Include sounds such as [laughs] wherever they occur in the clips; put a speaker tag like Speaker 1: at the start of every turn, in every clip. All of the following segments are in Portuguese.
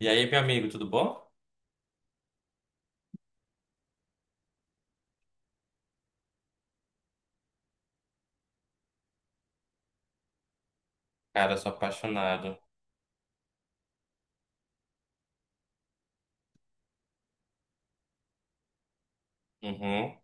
Speaker 1: E aí, meu amigo, tudo bom? Cara, eu sou apaixonado. Uhum.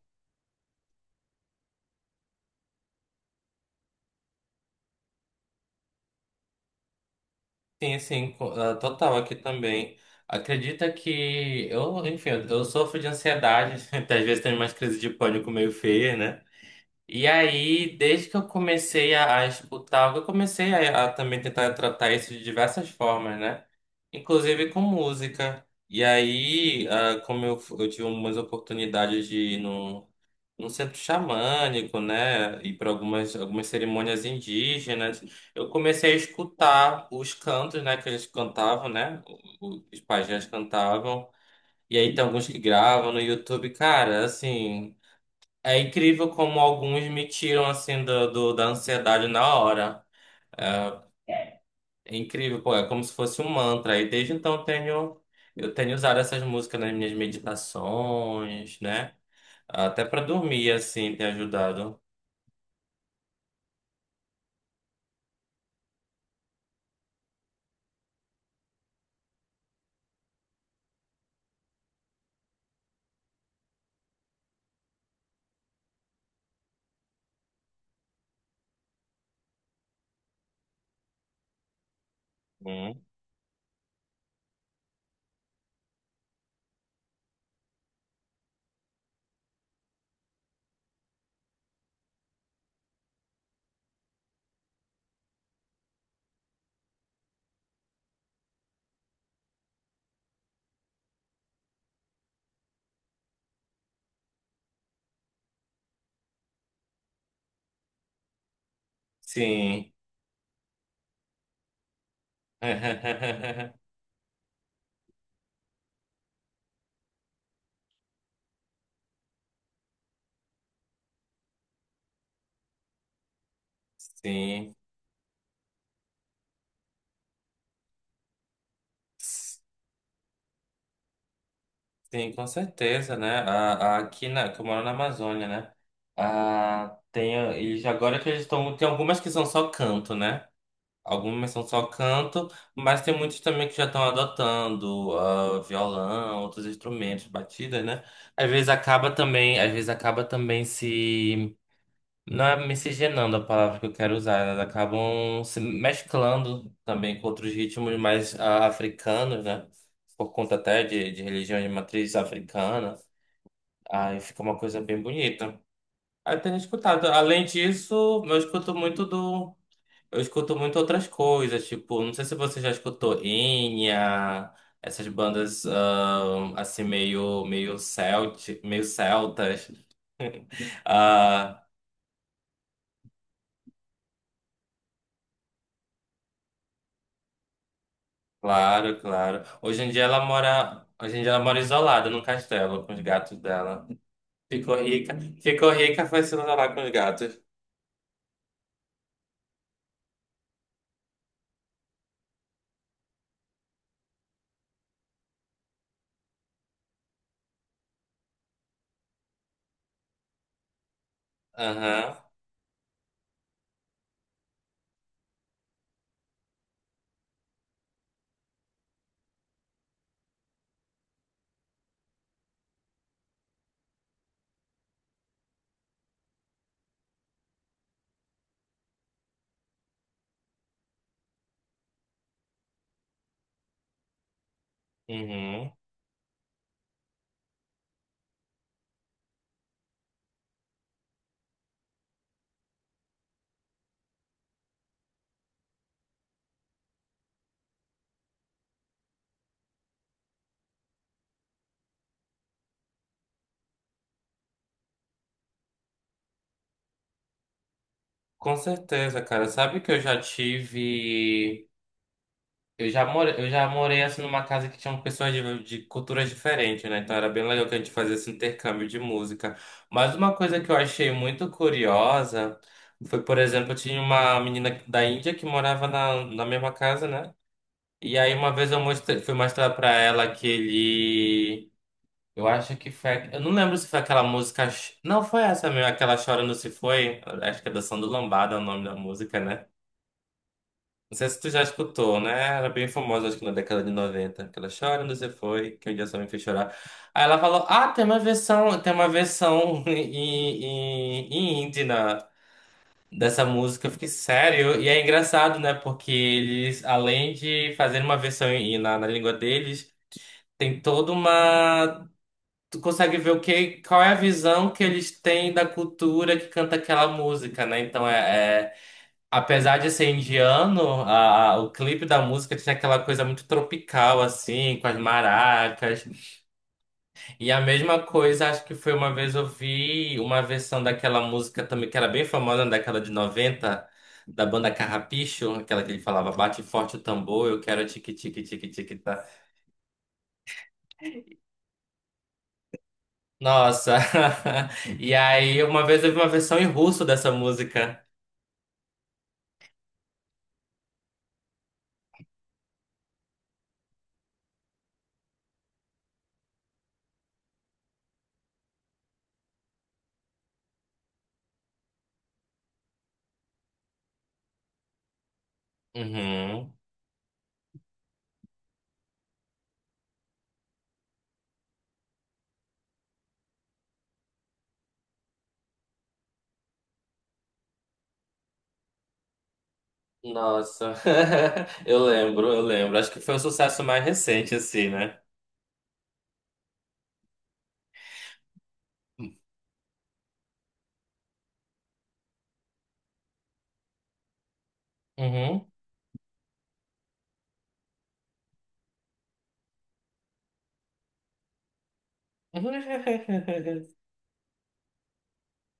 Speaker 1: Sim, sim, total aqui também. Acredita que eu, enfim, eu sofro de ansiedade, [laughs] até às vezes tenho umas crises de pânico meio feia, né? E aí, desde que eu comecei a escutar, eu comecei a também tentar tratar isso de diversas formas, né? Inclusive com música. E aí, como eu, eu tive umas oportunidades de ir num num centro xamânico, né? E para algumas cerimônias indígenas. Eu comecei a escutar os cantos, né? Que eles cantavam, né? Os pajés cantavam. E aí tem alguns que gravam no YouTube. Cara, assim, é incrível como alguns me tiram, assim, da ansiedade na hora. É incrível, pô, é como se fosse um mantra. E desde então eu tenho usado essas músicas nas minhas meditações, né? Até para dormir, assim, tem ajudado. Hum. Sim. [laughs] Sim. Sim, com certeza, né? Aqui na, que eu moro na Amazônia, né? Ah, tem, ah, eles agora que eles estão. Tem algumas que são só canto, né? Algumas são só canto, mas tem muitos também que já estão adotando ah, violão, outros instrumentos, batidas, né? Às vezes acaba também se. Não é miscigenando a palavra que eu quero usar, elas acabam se mesclando também com outros ritmos mais ah, africanos, né? Por conta até de religião de matriz africana. Aí fica uma coisa bem bonita. Aí tenho escutado. Além disso, eu escuto muito do. Eu escuto muito outras coisas, tipo, não sei se você já escutou Enya, essas bandas ah, assim meio celtas. ah, Claro, claro. Hoje em dia ela mora isolada num castelo com os gatos dela. Ficou rica, ficou rica, foi se isolar com os gatos. Aham. Uhum. Com certeza, cara. Sabe que eu já tive, eu já morei assim numa casa que tinham pessoas de culturas diferentes, né? Então era bem legal que a gente fazia esse intercâmbio de música. Mas uma coisa que eu achei muito curiosa foi, por exemplo, tinha uma menina da Índia que morava na mesma casa, né? E aí uma vez fui mostrar pra ela aquele. Eu acho que foi. Eu não lembro se foi aquela música. Não foi essa mesmo, aquela Chorando Se Foi. Acho que é Dançando Lambada é o nome da música, né? Não sei se tu já escutou, né? Era bem famosa, acho que na década de 90, aquela Chorando Se Foi, que um dia só me fez chorar. Aí ela falou: Ah, tem uma versão [laughs] em indie dessa música. Eu fiquei sério. E é engraçado, né? Porque eles, além de fazerem uma versão na língua deles. Tem toda uma. Tu consegue ver qual é a visão que eles têm da cultura que canta aquela música, né? Então é- apesar de ser indiano, o clipe da música tinha aquela coisa muito tropical, assim, com as maracas. E a mesma coisa, acho que foi uma vez eu vi uma versão daquela música também, que era bem famosa na década de 90 da banda Carrapicho, aquela que ele falava, bate forte o tambor, eu quero tique tique tique tique tá. Nossa. [laughs] E aí, uma vez eu vi uma versão em russo dessa música. Uhum. Nossa. [laughs] Eu lembro, eu lembro. Acho que foi o sucesso mais recente, assim, né? Uhum.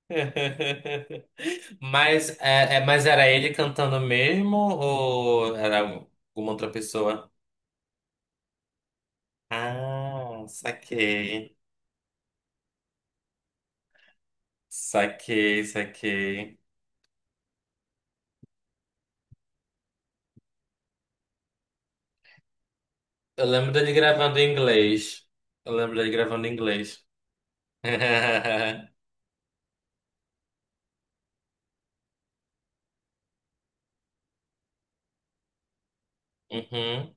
Speaker 1: [laughs] Mas, é- mas era ele cantando mesmo ou era alguma outra pessoa? Ah, saquei. Saquei, saquei. Eu lembro dele gravando em inglês. Eu lembro dele gravando em inglês. [laughs] Uhum.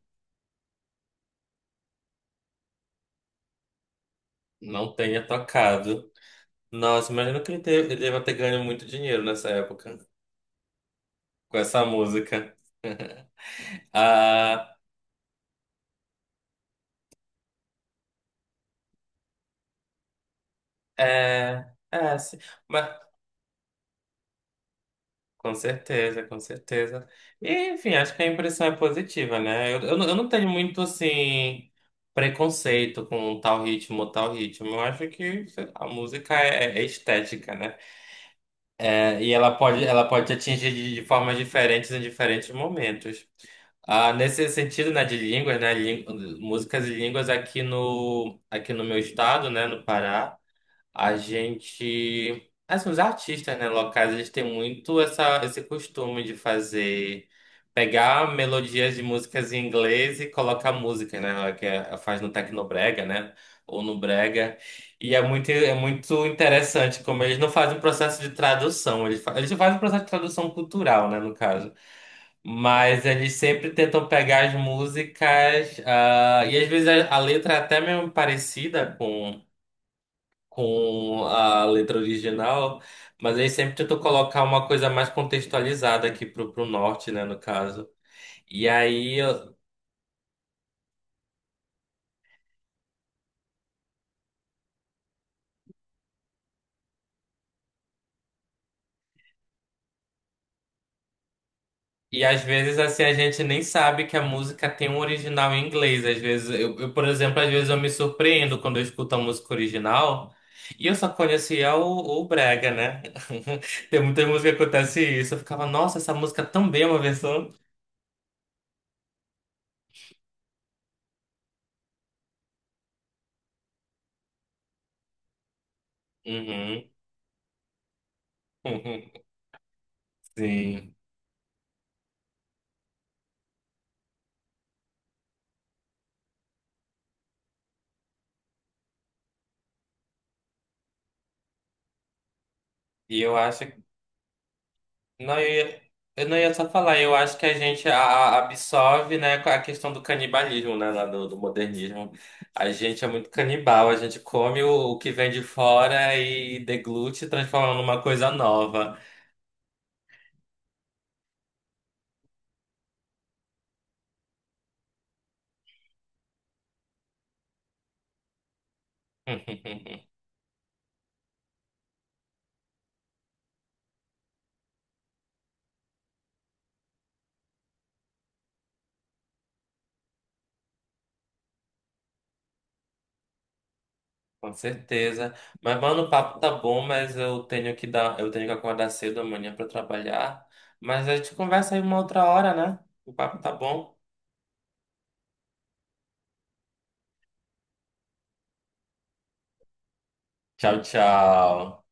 Speaker 1: Não tenha tocado. Nossa, imagina que ele, ele deva ter ganho muito dinheiro nessa época com essa música. Ah, é, é, sim. Mas, com certeza, com certeza. E, enfim, acho que a impressão é positiva, né? Eu não tenho muito, assim, preconceito com tal ritmo, tal ritmo. Eu acho que sei lá, a música é estética, né? É, e ela pode te atingir de formas diferentes em diferentes momentos. Ah, nesse sentido, né, de línguas, né, músicas e línguas aqui no meu estado, né, no Pará, a gente, assim, os artistas, né, locais, eles têm muito essa, esse costume de fazer, pegar melodias de músicas em inglês e colocar música, né, faz no Tecnobrega, né, ou no Brega, e é muito interessante como eles não fazem um processo de tradução, eles fazem um processo de tradução cultural, né, no caso. Mas eles sempre tentam pegar as músicas, ah, e às vezes a letra é até mesmo parecida com a letra original, mas eles sempre tentam colocar uma coisa mais contextualizada aqui pro, pro norte, né, no caso. E aí. E às vezes, assim, a gente nem sabe que a música tem um original em inglês. Às vezes, por exemplo, às vezes eu me surpreendo quando eu escuto a música original e eu só conhecia o Brega, né? [laughs] Tem muita música que acontece isso. Eu ficava, nossa, essa música também é uma versão. Uhum, [laughs] sim. E eu acho. Não, eu ia, eu não ia só falar, eu acho que a gente absorve, né, a questão do canibalismo, né, do modernismo. A gente é muito canibal, a gente come o que vem de fora e deglute, transformando numa coisa nova. [laughs] Com certeza. Mas, mano, o papo tá bom, mas eu tenho que acordar cedo amanhã pra trabalhar. Mas a gente conversa aí uma outra hora, né? O papo tá bom. Tchau, tchau.